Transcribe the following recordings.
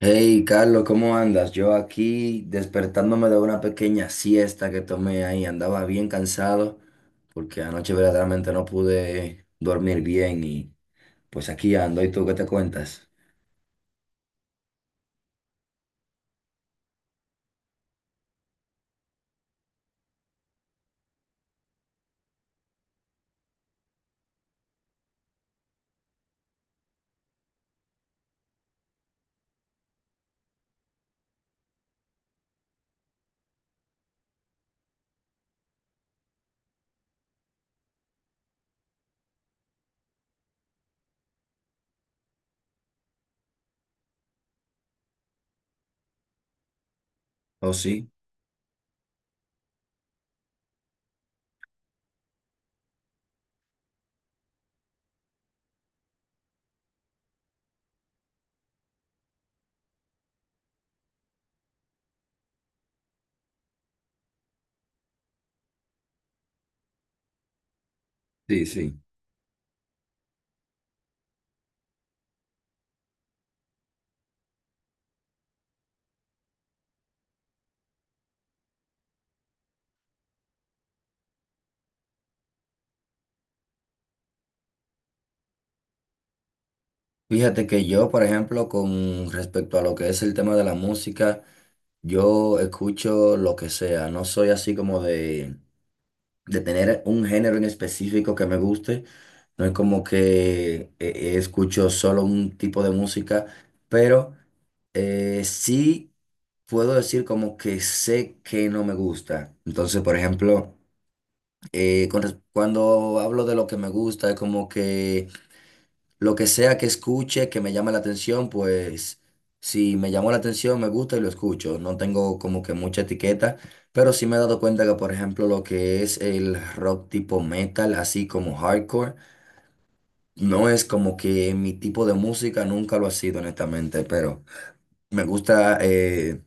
Hey, Carlos, ¿cómo andas? Yo aquí despertándome de una pequeña siesta que tomé ahí. Andaba bien cansado porque anoche verdaderamente no pude dormir bien y pues aquí ando. ¿Y tú qué te cuentas? Oh, sí, sí, sí. Fíjate que yo, por ejemplo, con respecto a lo que es el tema de la música, yo escucho lo que sea. No soy así como de tener un género en específico que me guste. No es como que escucho solo un tipo de música, pero sí puedo decir como que sé que no me gusta. Entonces, por ejemplo, cuando hablo de lo que me gusta, es como que lo que sea que escuche, que me llame la atención, pues si me llamó la atención, me gusta y lo escucho. No tengo como que mucha etiqueta, pero sí me he dado cuenta que, por ejemplo, lo que es el rock tipo metal, así como hardcore, no es como que mi tipo de música, nunca lo ha sido, honestamente, pero me gusta, eh,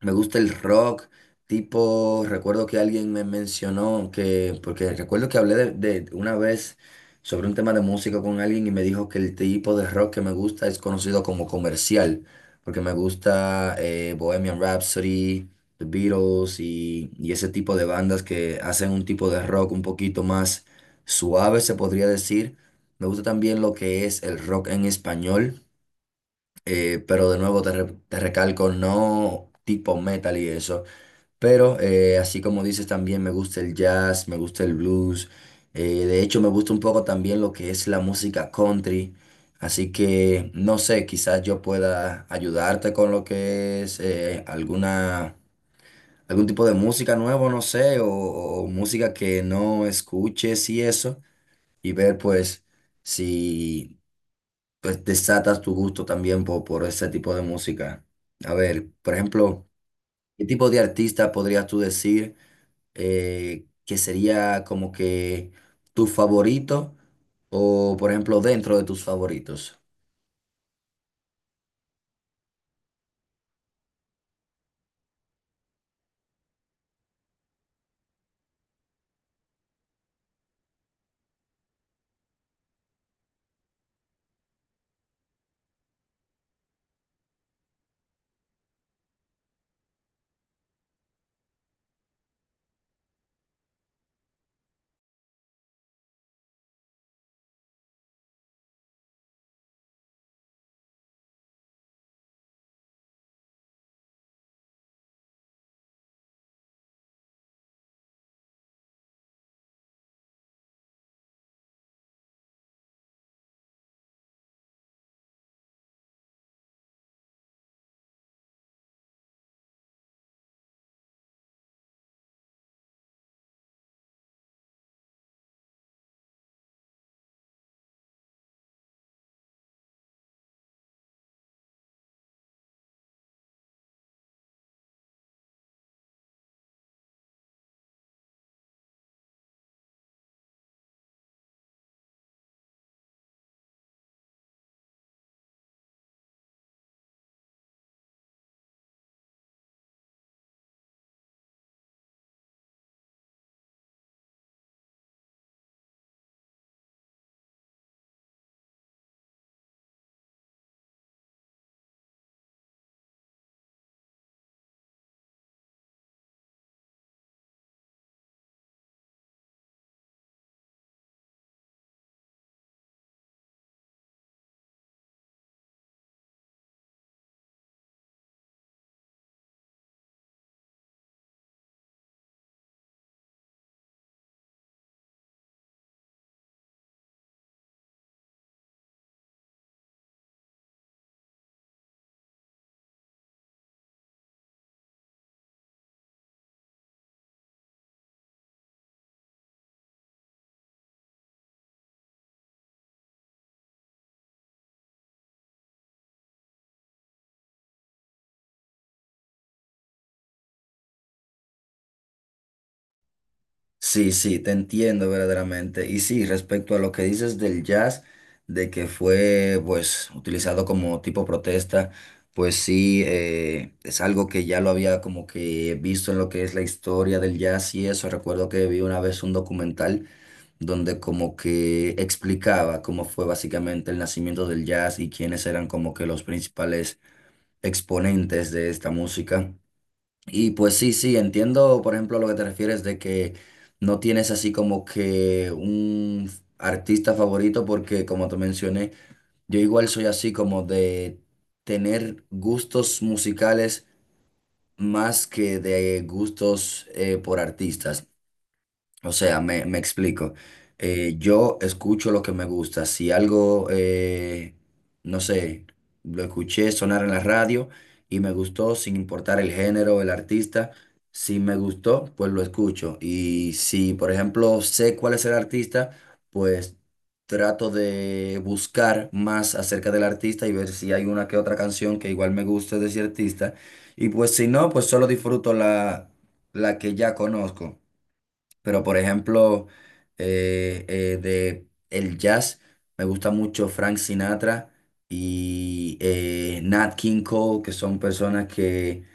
me gusta el rock, tipo, recuerdo que alguien me mencionó que, porque recuerdo que hablé de una vez sobre un tema de música con alguien y me dijo que el tipo de rock que me gusta es conocido como comercial, porque me gusta Bohemian Rhapsody, The Beatles y ese tipo de bandas que hacen un tipo de rock un poquito más suave, se podría decir. Me gusta también lo que es el rock en español. Pero de nuevo te, te recalco, no tipo metal y eso. Pero así como dices, también me gusta el jazz, me gusta el blues. De hecho, me gusta un poco también lo que es la música country. Así que no sé, quizás yo pueda ayudarte con lo que es alguna, algún tipo de música nuevo, no sé, o música que no escuches y eso. Y ver pues si pues desatas tu gusto también por ese tipo de música. A ver, por ejemplo, ¿qué tipo de artista podrías tú decir que sería como que tu favorito o, por ejemplo, dentro de tus favoritos? Sí, sí, te entiendo verdaderamente. Y sí, respecto a lo que dices del jazz, de que fue pues utilizado como tipo protesta, pues sí, es algo que ya lo había como que visto en lo que es la historia del jazz y eso. Recuerdo que vi una vez un documental donde como que explicaba cómo fue básicamente el nacimiento del jazz y quiénes eran como que los principales exponentes de esta música. Y pues sí, sí, entiendo, por ejemplo, a lo que te refieres de que no tienes así como que un artista favorito, porque como te mencioné, yo igual soy así como de tener gustos musicales más que de gustos por artistas. O sea, me explico. Yo escucho lo que me gusta. Si algo, no sé, lo escuché sonar en la radio y me gustó, sin importar el género o el artista, si me gustó, pues lo escucho. Y si, por ejemplo, sé cuál es el artista, pues trato de buscar más acerca del artista y ver si hay una que otra canción que igual me guste de ese artista. Y pues si no, pues solo disfruto la, la que ya conozco. Pero por ejemplo, de el jazz, me gusta mucho Frank Sinatra y Nat King Cole, que son personas que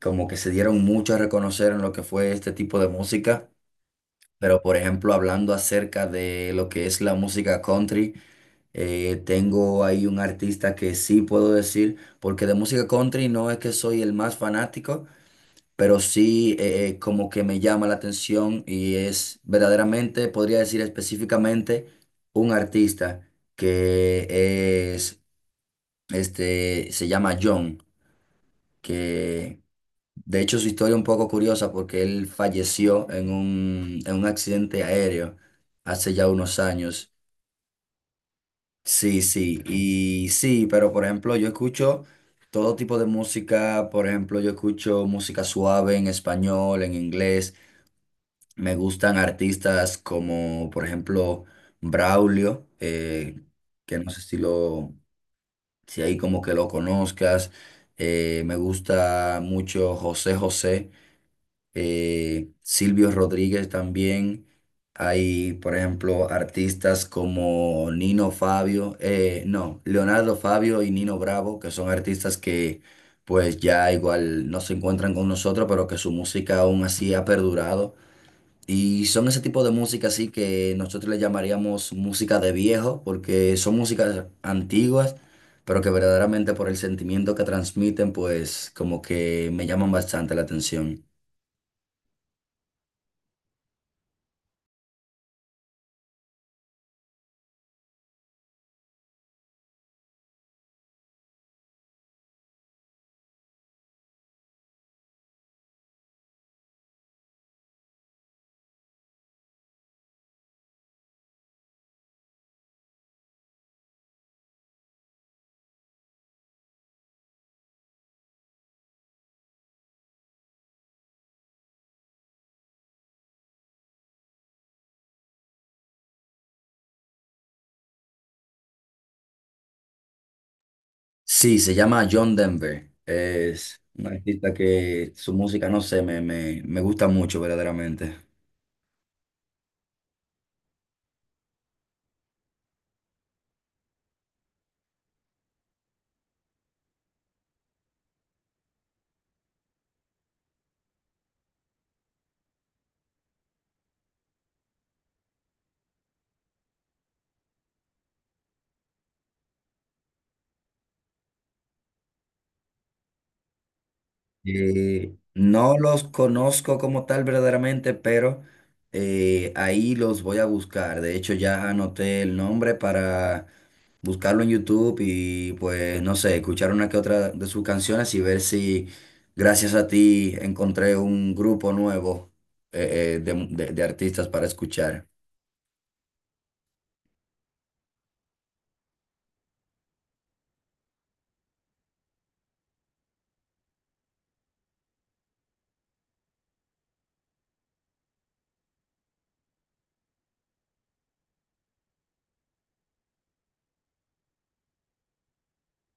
como que se dieron mucho a reconocer en lo que fue este tipo de música. Pero por ejemplo, hablando acerca de lo que es la música country, tengo ahí un artista que sí puedo decir, porque de música country no es que soy el más fanático, pero sí como que me llama la atención y es verdaderamente, podría decir específicamente, un artista que es, este, se llama John, que de hecho su historia es un poco curiosa porque él falleció en un accidente aéreo hace ya unos años. Sí, sí, y sí, pero por ejemplo yo escucho todo tipo de música, por ejemplo yo escucho música suave en español, en inglés. Me gustan artistas como, por ejemplo, Braulio, que no sé si lo, si ahí como que lo conozcas. Me gusta mucho José José, Silvio Rodríguez también. Hay, por ejemplo, artistas como Nino Fabio, no, Leonardo Fabio y Nino Bravo, que son artistas que pues ya igual no se encuentran con nosotros, pero que su música aún así ha perdurado. Y son ese tipo de música así que nosotros le llamaríamos música de viejo, porque son músicas antiguas, pero que verdaderamente por el sentimiento que transmiten, pues como que me llaman bastante la atención. Sí, se llama John Denver. Es un artista que su música, no sé, me gusta mucho verdaderamente. No los conozco como tal verdaderamente, pero ahí los voy a buscar. De hecho, ya anoté el nombre para buscarlo en YouTube y pues no sé, escuchar una que otra de sus canciones y ver si gracias a ti encontré un grupo nuevo de, de artistas para escuchar.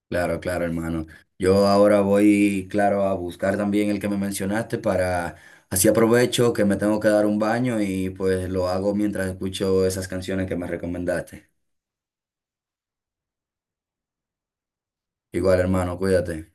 Claro, claro, hermano. Yo ahora voy, claro, a buscar también el que me mencionaste para, así aprovecho que me tengo que dar un baño y pues lo hago mientras escucho esas canciones que me recomendaste. Igual, hermano, cuídate.